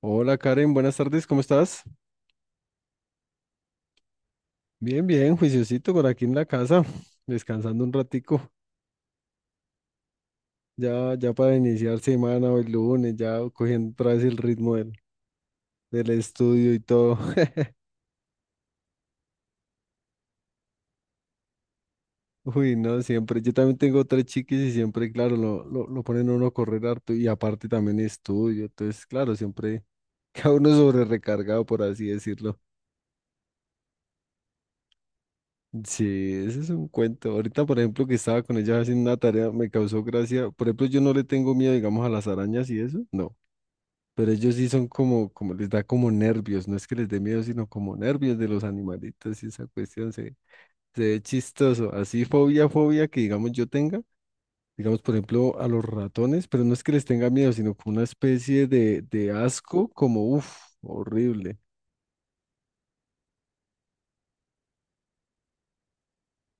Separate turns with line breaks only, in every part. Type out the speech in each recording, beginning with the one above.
Hola Karen, buenas tardes, ¿cómo estás? Bien, bien, juiciosito por aquí en la casa, descansando un ratico, ya, ya para iniciar semana o el lunes, ya cogiendo otra vez el ritmo del estudio y todo. Uy, no, siempre, yo también tengo tres chiquis y siempre, claro, lo ponen a uno a correr harto y aparte también estudio, entonces, claro, siempre cada uno sobre recargado, por así decirlo. Sí, ese es un cuento. Ahorita, por ejemplo, que estaba con ella haciendo una tarea, me causó gracia. Por ejemplo, yo no le tengo miedo, digamos, a las arañas y eso. No. Pero ellos sí son como, como les da como nervios, no es que les dé miedo, sino como nervios de los animalitos y esa cuestión se ve chistoso. Así fobia que digamos yo tenga, digamos por ejemplo a los ratones, pero no es que les tenga miedo, sino como una especie de asco, como uff, horrible.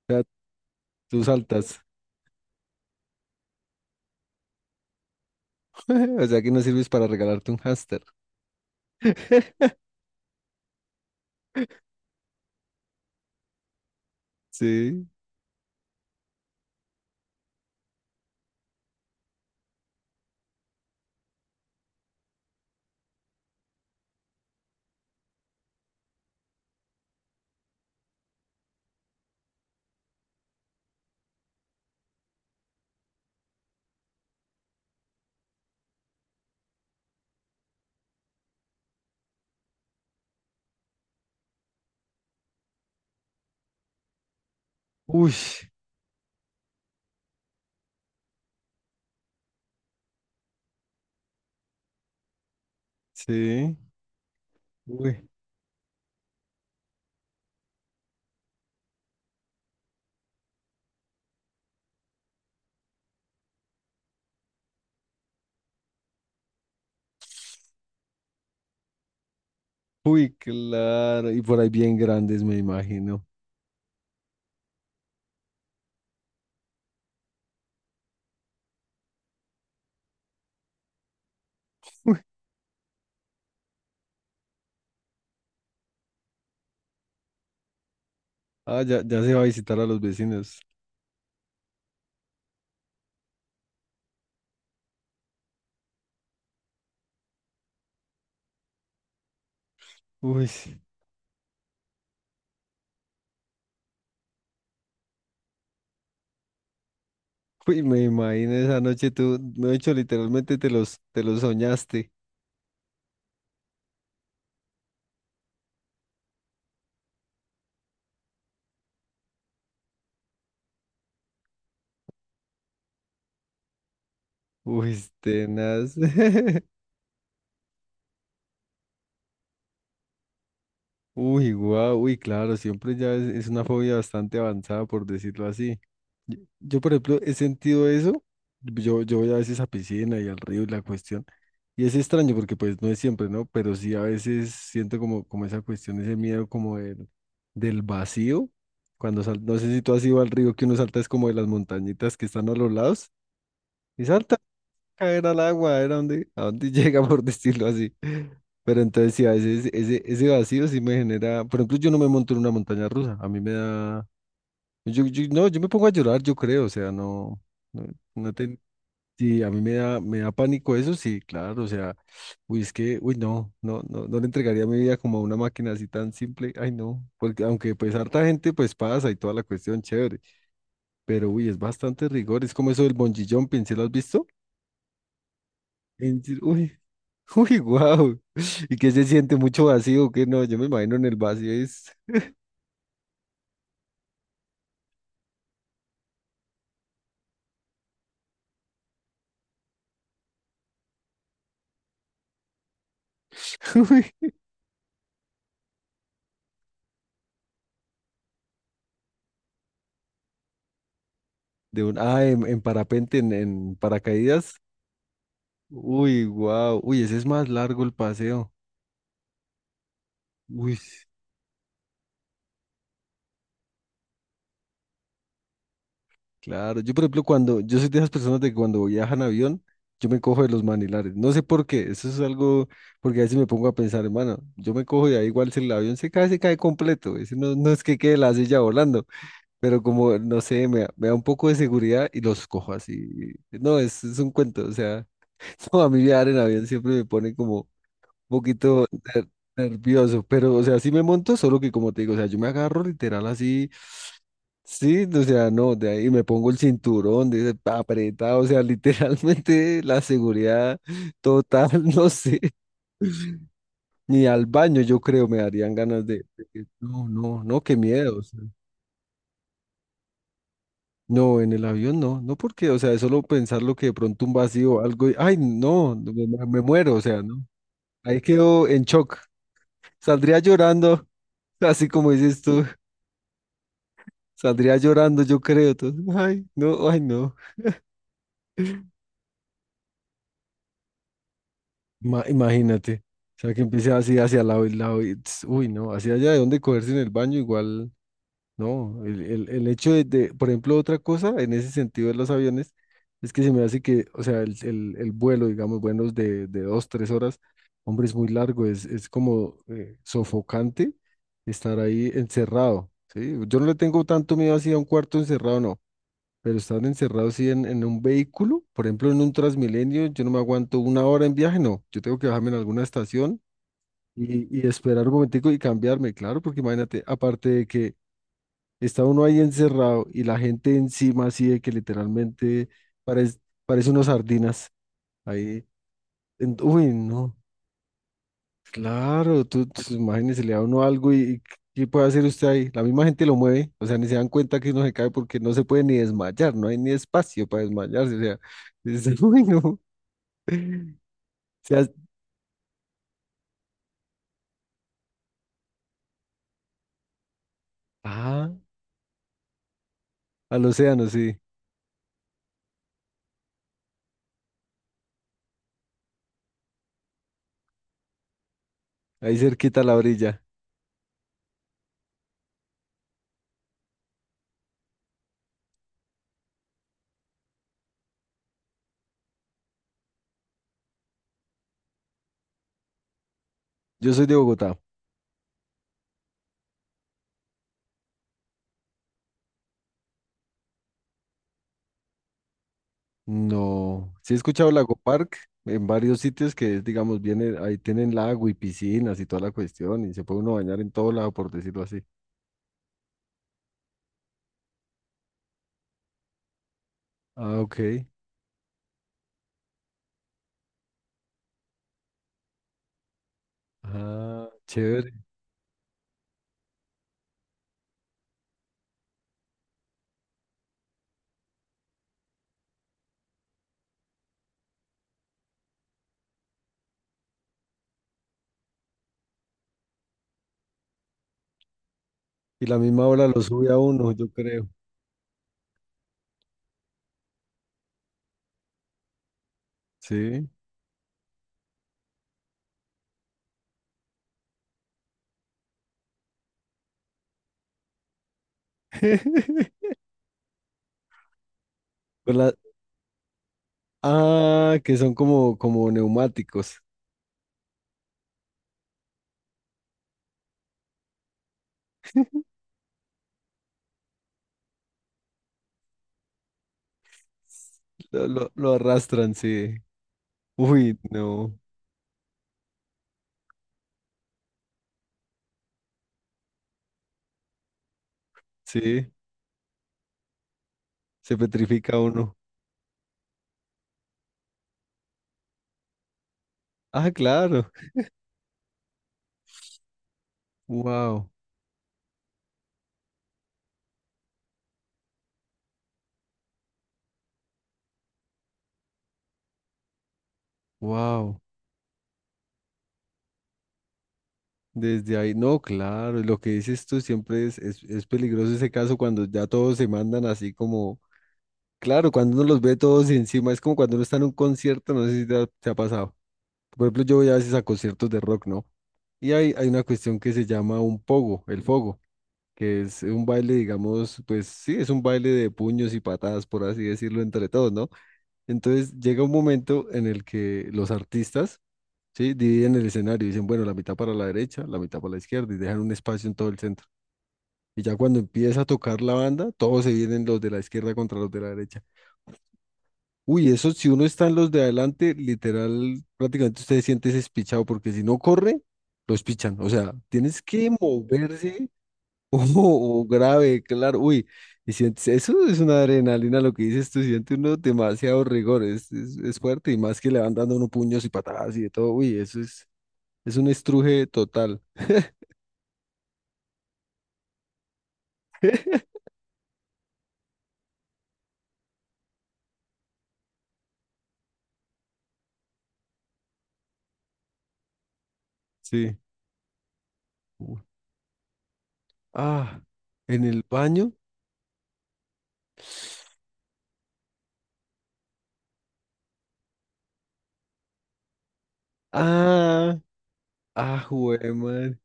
O sea, tú saltas, o sea que no sirves para regalarte un hámster. Sí, uy, sí, uy, uy, claro, y por ahí bien grandes me imagino. Ah, ya, ya se va a visitar a los vecinos. Uy, sí. Uy, me imagino esa noche tú, de hecho, literalmente te los soñaste. Uy, tenaz. Uy, guau, uy, claro, siempre ya es una fobia bastante avanzada, por decirlo así. Yo, por ejemplo, he sentido eso. Yo voy a veces a piscina y al río y la cuestión. Y es extraño porque pues no es siempre, ¿no? Pero sí a veces siento como, como esa cuestión, ese miedo como del vacío. Cuando sal, no sé si tú has ido al río que uno salta es como de las montañitas que están a los lados. Y salta a caer al agua, era donde, a donde llega, por decirlo así. Pero entonces sí, a veces ese, ese vacío sí me genera, por ejemplo, yo no me monto en una montaña rusa, a mí me da, no, yo me pongo a llorar, yo creo, o sea, no, no, no te- sí, a mí me da pánico eso, sí, claro, o sea, uy, es que, uy, no, no, no, no le entregaría mi vida como a una máquina así tan simple, ay, no, porque aunque pues harta gente pues pasa y toda la cuestión, chévere, pero uy, es bastante rigor, es como eso del bungee jumping, ¿sí lo has visto? En serio, uy, uy, wow. ¿Y qué se siente mucho vacío? Que no, yo me imagino en el vacío es uy, de un ah, en parapente, en paracaídas. Uy, wow. Uy, ese es más largo el paseo. Uy, claro. Yo, por ejemplo, cuando yo soy de esas personas de que cuando viajan en avión, yo me cojo de los manilares. No sé por qué. Eso es algo porque a veces me pongo a pensar, hermano, yo me cojo y ahí igual si el avión se cae completo. Ese no, no es que quede la silla volando. Pero como, no sé, me da un poco de seguridad y los cojo así. No, es un cuento, o sea, no, a mí viajar en avión siempre me pone como un poquito nervioso, pero, o sea, sí me monto, solo que como te digo, o sea, yo me agarro literal así, sí, o sea, no, de ahí me pongo el cinturón, apretado, o sea, literalmente la seguridad total, no sé, ni al baño yo creo me darían ganas de, no, no, no, qué miedo. No, en el avión no, no porque, o sea, es solo pensar lo que de pronto un vacío, algo, y, ay, no, no, me muero, o sea, no. Ahí quedo en shock. Saldría llorando, así como dices tú, saldría llorando, yo creo. Entonces, ay, no, ay, no. Imagínate, o sea, que empiece así hacia lado y lado, y, ts, uy, no, hacia allá de donde cogerse en el baño, igual. No, el hecho de, por ejemplo, otra cosa en ese sentido de los aviones es que se me hace que, o sea, el vuelo, digamos, vuelos de dos, tres horas, hombre, es muy largo, es como sofocante estar ahí encerrado, ¿sí? Yo no le tengo tanto miedo así a un cuarto encerrado, no, pero estar encerrado así en un vehículo, por ejemplo, en un Transmilenio, yo no me aguanto una hora en viaje, no, yo tengo que bajarme en alguna estación y esperar un momentico y cambiarme, claro, porque imagínate, aparte de que está uno ahí encerrado y la gente encima así de que literalmente parece, parece unos sardinas ahí. Uy, no. Claro, tú imagínese, le da a uno algo y ¿qué puede hacer usted ahí? La misma gente lo mueve, o sea, ni se dan cuenta que uno se cae porque no se puede ni desmayar, no hay ni espacio para desmayarse, o sea, es, uy, no. O sea, ah, al océano, sí, ahí cerquita a la orilla. Yo soy de Bogotá. No, sí he escuchado Lago Park en varios sitios que es, digamos, viene, ahí tienen lago y piscinas y toda la cuestión y se puede uno bañar en todo lado, por decirlo así. Ah, ok. Ah, chévere. Y la misma ola lo sube a uno, yo creo. Sí. Con la... Ah, que son como, como neumáticos. Lo arrastran, sí. Uy, no. Sí, se petrifica uno. Ah, claro. Wow, wow. Desde ahí, no, claro, lo que dices tú siempre es peligroso ese caso cuando ya todos se mandan así como, claro, cuando uno los ve todos encima, es como cuando uno está en un concierto, no sé si te ha, te ha pasado. Por ejemplo, yo voy a veces a conciertos de rock, ¿no? Y hay una cuestión que se llama un pogo, el fogo, que es un baile, digamos, pues sí, es un baile de puños y patadas, por así decirlo, entre todos, ¿no? Entonces llega un momento en el que los artistas sí, dividen el escenario, dicen, bueno, la mitad para la derecha, la mitad para la izquierda y dejan un espacio en todo el centro. Y ya cuando empieza a tocar la banda, todos se vienen los de la izquierda contra los de la derecha. Uy, eso si uno está en los de adelante, literal, prácticamente usted se siente despichado porque si no corre, los pichan. O sea, tienes que moverse o, o grave, claro. Uy, y sientes, eso es una adrenalina lo que dices tú, siente uno demasiado rigor, es fuerte y más que le van dando unos puños y patadas y de todo. Uy, eso es un estruje total. Sí. Uy. Ah, en el baño. Ah, ah, jueman.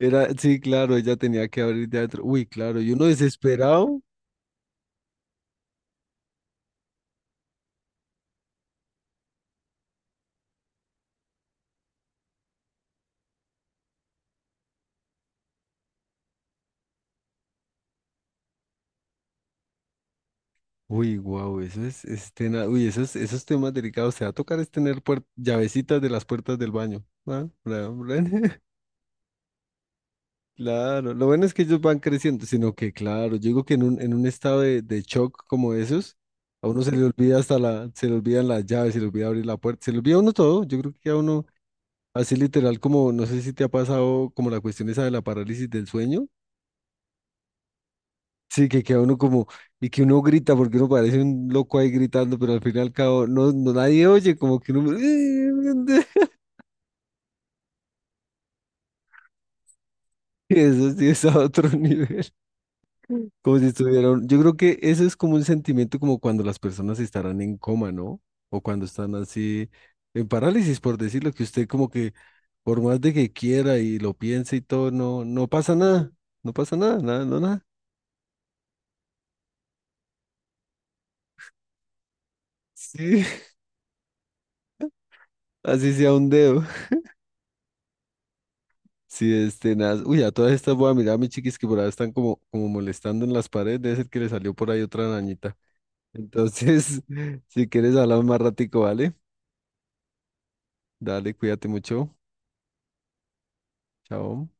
Era, sí, claro, ella tenía que abrir de adentro. Uy, claro, y uno desesperado. Uy, wow, eso es, uy, esos, esos temas delicados. Se va a tocar es tener llavecitas de las puertas del baño. Ah, bra. Claro, lo bueno es que ellos van creciendo, sino que claro, yo digo que en un estado de shock como esos, a uno se le olvida hasta la, se le olvidan las llaves, se le olvida abrir la puerta, se le olvida a uno todo, yo creo que a uno así literal como, no sé si te ha pasado como la cuestión esa de la parálisis del sueño, sí, que queda uno como, y que uno grita porque uno parece un loco ahí gritando, pero al fin y al cabo no, no nadie oye, como que uno, eso sí es a otro nivel. Como si estuvieran, yo creo que eso es como un sentimiento como cuando las personas estarán en coma, ¿no? O cuando están así en parálisis, por decirlo, que usted como que por más de que quiera y lo piense y todo, no, no pasa nada, no pasa nada, nada, no nada. Sí, así sea un dedo. Sí, este, nada. Uy, a todas estas voy a mirar a mis chiquis que por ahí están como, como molestando en las paredes, debe ser que le salió por ahí otra arañita. Entonces, si quieres hablar más ratico, ¿vale? Dale, cuídate mucho. Chao.